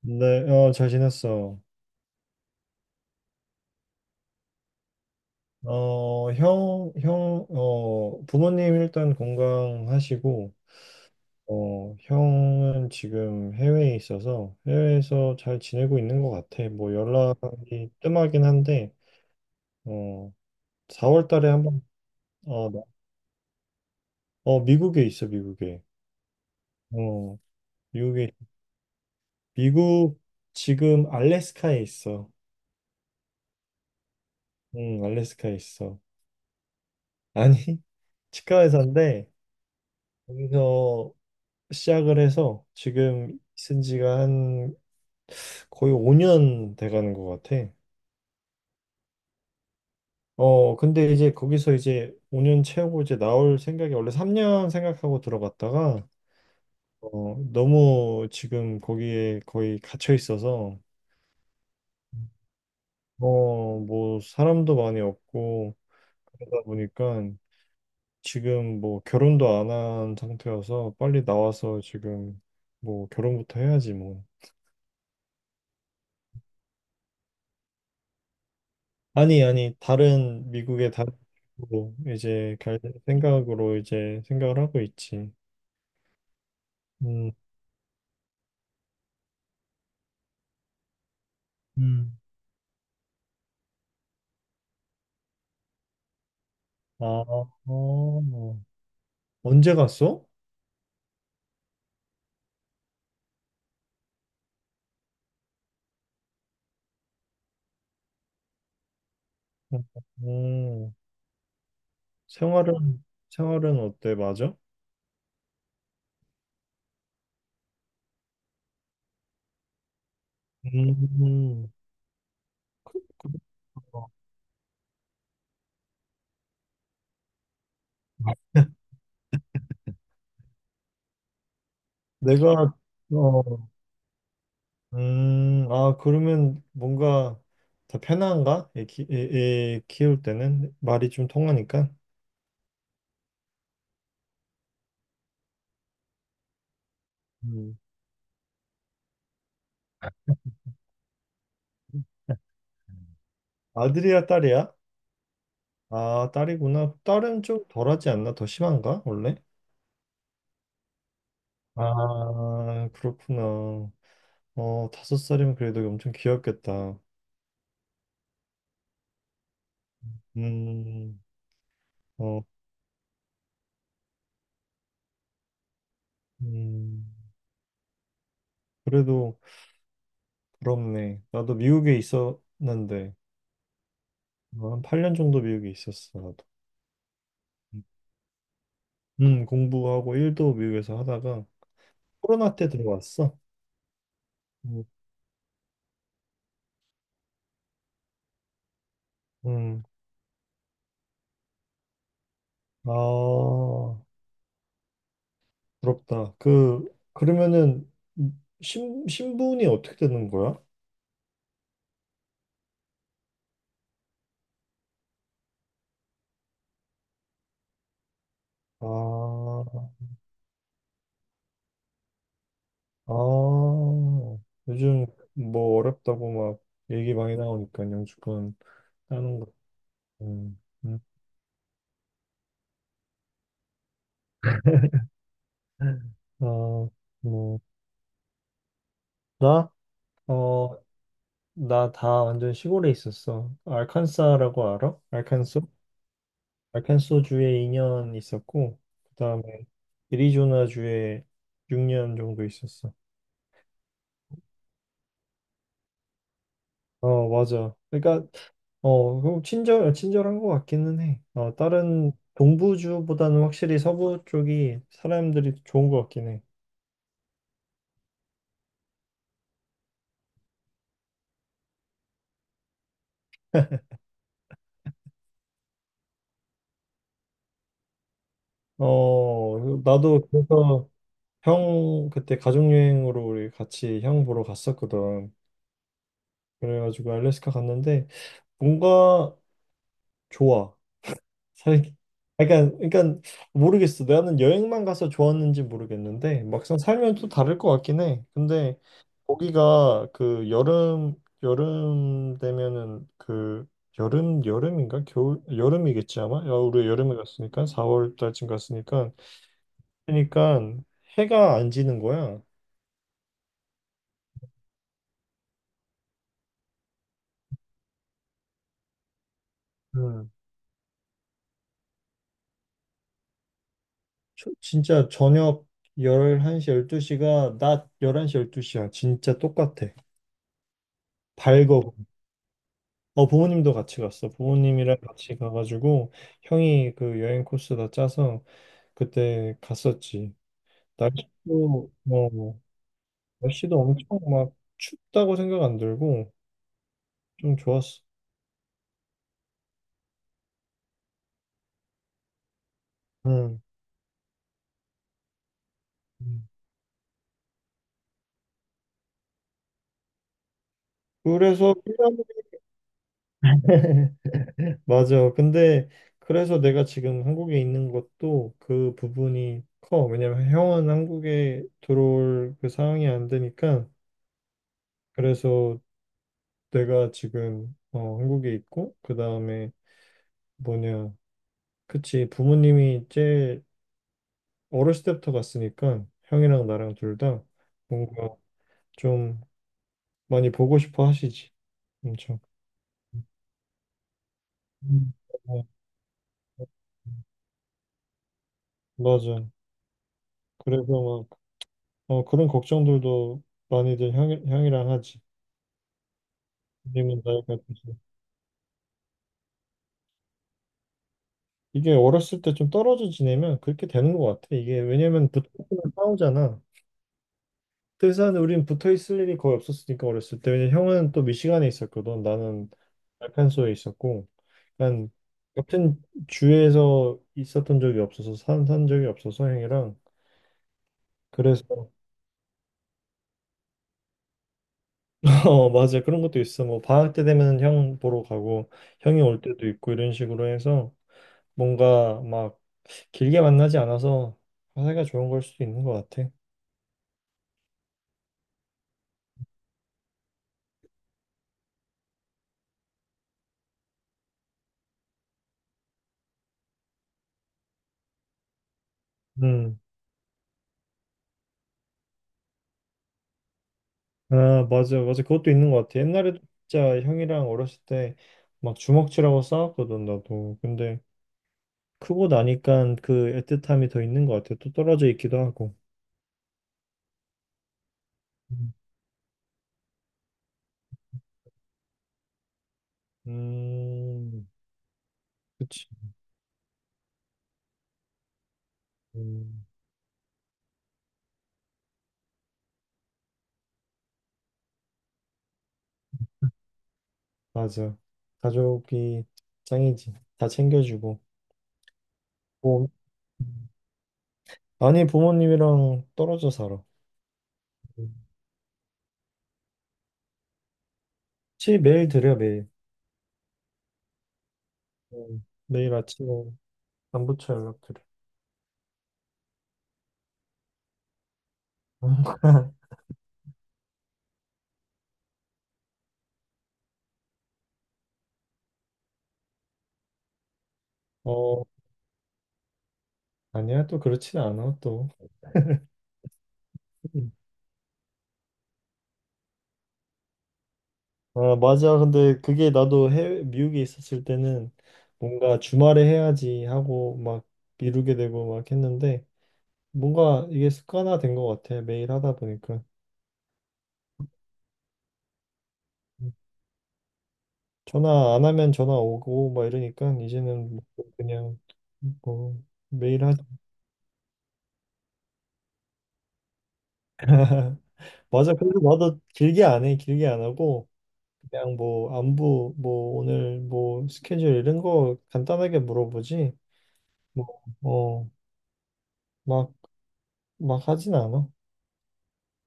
네, 잘 지냈어. 형, 부모님 일단 건강하시고, 형은 지금 해외에 있어서 해외에서 잘 지내고 있는 것 같아. 뭐 연락이 뜸하긴 한데, 어, 4월 달에 한번, 어, 나- 미국에 있어, 미국에. 어, 미국에, 미국 지금 알래스카에 있어. 응, 알래스카에 있어. 아니, 치과사인데 거기서 시작을 해서 지금 쓴 지가 한 거의 5년 돼가는 것 같아. 근데 이제 거기서 이제 5년 채우고 이제 나올 생각이 원래 3년 생각하고 들어갔다가 너무 지금 거기에 거의 갇혀 있어서 뭐 사람도 많이 없고 그러다 보니까 지금 뭐 결혼도 안 한 상태여서 빨리 나와서 지금 뭐 결혼부터 해야지 뭐. 아니, 아니, 다른 미국의 다른 쪽으로 이제 갈 생각으로 이제 생각을 하고 있지. 음, 음. 아, 언제 갔어? 음, 음. 생활은, 생활은 어때? 맞아? 음, 그- 그렇구나. 내가, 어, 아, 그러면 뭔가 더 편한가? 애 키울 때는 말이 좀 통하니까. 음. 아들이야, 딸이야? 아, 딸이구나. 딸은 좀 덜하지 않나? 더 심한가? 원래? 아, 그렇구나. 5살이면 그래도 엄청 귀엽겠다. 음, 어, 음, 그래도 부럽네. 나도 미국에 있었는데, 한 8년 정도 미국에 있었어, 나도. 공부하고 일도 미국에서 하다가 코로나 때 들어왔어. 음, 음. 아, 부럽다. 그러면은 신분이 어떻게 되는 거야? 아, 아, 요즘 뭐 어렵다고 막 얘기 많이 나오니까 영주권 따는 거. 음, 음. 어, 뭐, 나? 어, 나 다 완전 시골에 있었어. 알칸사라고 알아? 알칸소? 알칸소 주에 2년 있었고, 그 다음에 애리조나 주에 6년 정도 있었어. 맞아. 그러니까 그럼 친절한 것 같기는 해. 다른 동부주보다는 확실히 서부 쪽이 사람들이 좋은 것 같긴 해. 그 나도 그래서 형 그때 가족 여행으로 우리 같이 형 보러 갔었거든. 그래가지고 알래스카 갔는데 뭔가 좋아. 살 그러니까 그러니까 모르겠어. 나는 여행만 가서 좋았는지 모르겠는데 막상 살면 또 다를 것 같긴 해. 근데 거기가 그 여름 되면은 그 여름인가 겨울 여름이겠지 아마. 야, 우리 여름에 갔으니까 4월 달쯤 갔으니까 그러니까 해가 안 지는 거야. 음. 진짜 저녁 11시 12시가 낮 11시 12시야. 진짜 똑같아. 밝어. 부모님도 같이 갔어. 부모님이랑 같이 가가지고 형이 그 여행 코스 다 짜서 그때 갔었지. 날씨도 어, 날씨도 엄청 막 춥다고 생각 안 들고 좀 좋았어. 응. 음. 그래서 맞아. 근데 그래서 내가 지금 한국에 있는 것도 그 부분이 커. 왜냐면 형은 한국에 들어올 그 상황이 안 되니까 그래서 내가 지금 한국에 있고 그 다음에 뭐냐. 그치. 부모님이 제일 어렸을 때부터 갔으니까 형이랑 나랑 둘다 뭔가 좀 많이 보고 싶어 하시지. 엄청. 음. 어, 맞아. 그래서 막 그런 걱정들도 많이들 형이랑 하지. 님은 나이가 드셔. 이게 어렸을 때 좀 떨어져 지내면 그렇게 되는 것 같아. 이게 왜냐면 붙으면 싸우잖아. 등산은 우린 붙어 있을 일이 거의 없었으니까 어렸을 때 왜냐면 형은 또 미시간에 있었거든 나는 알칸소에 있었고 난 같은 주에서 있었던 적이 없어서 산, 산 적이 없어서 형이랑 그래서 맞아 그런 것도 있어 뭐 방학 때 되면 형 보러 가고 형이 올 때도 있고 이런 식으로 해서 뭔가 막 길게 만나지 않아서 사이가 좋은 걸 수도 있는 것 같아. 음. 아, 맞아, 맞아. 그것도 있는 것 같아. 옛날에도 진짜 형이랑 어렸을 때 막 주먹질하고 싸웠거든, 나도. 근데 크고 나니까 그 애틋함이 더 있는 것 같아. 또 떨어져 있기도 하고. 음, 음, 그치. 음, 맞아. 가족이 짱이지. 다 챙겨주고. 뭐, 아니, 부모님이랑 떨어져 살아. 음. 치, 매일 드려, 매일. 매일 아침에 안부처 연락드려. 어, 아니야, 또 그렇진 않아, 또. 아, 맞아. 근데 그게 나도 해외, 미국에 있었을 때는 뭔가 주말에 해야지 하고 막 미루게 되고 막 했는데 뭔가 이게 습관화된 것 같아. 매일 하다 보니까. 전화 안 하면 전화 오고 막 이러니까 이제는 뭐 그냥 뭐 매일 하자. 맞아. 그래서 나도 길게 안 해. 길게 안 하고 그냥 뭐 안부 뭐 오늘 뭐 스케줄 이런 거 간단하게 물어보지. 뭐 어 막 막 하진 않아.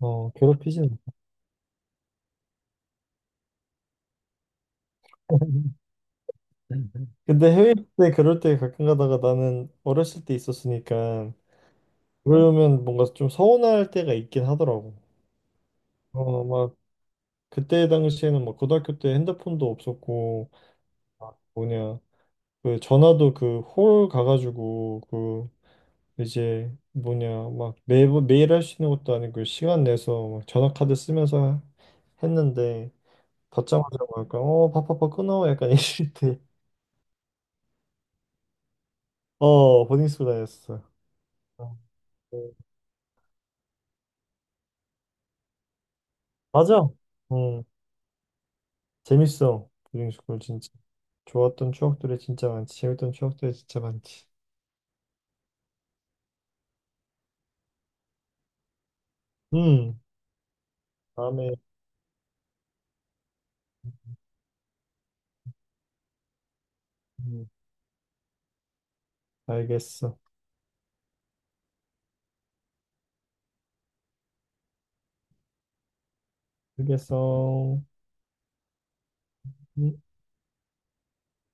괴롭히진 않고. 근데 해외 때 그럴 때 가끔 가다가 나는 어렸을 때 있었으니까, 그러면 뭔가 좀 서운할 때가 있긴 하더라고. 막 그때 당시에는 막 고등학교 때 핸드폰도 없었고 막 뭐냐 그 전화도 그 홀 가가지고 그 이제 뭐냐 막 매번 매일 할 수 있는 것도 아니고 시간 내서 막 전화 카드 쓰면서 했는데 받자마자 뭐랄까 바빠빠 끊어 약간 이럴 때 보딩 스쿨 다녔어. 아, 네. 맞아. 응. 재밌어. 보딩스쿨 진짜. 좋았던 추억들이 진짜 많지. 재밌던 추억들이 진짜 많지. 음. 다음에 음, 알겠어. 알겠어. 음.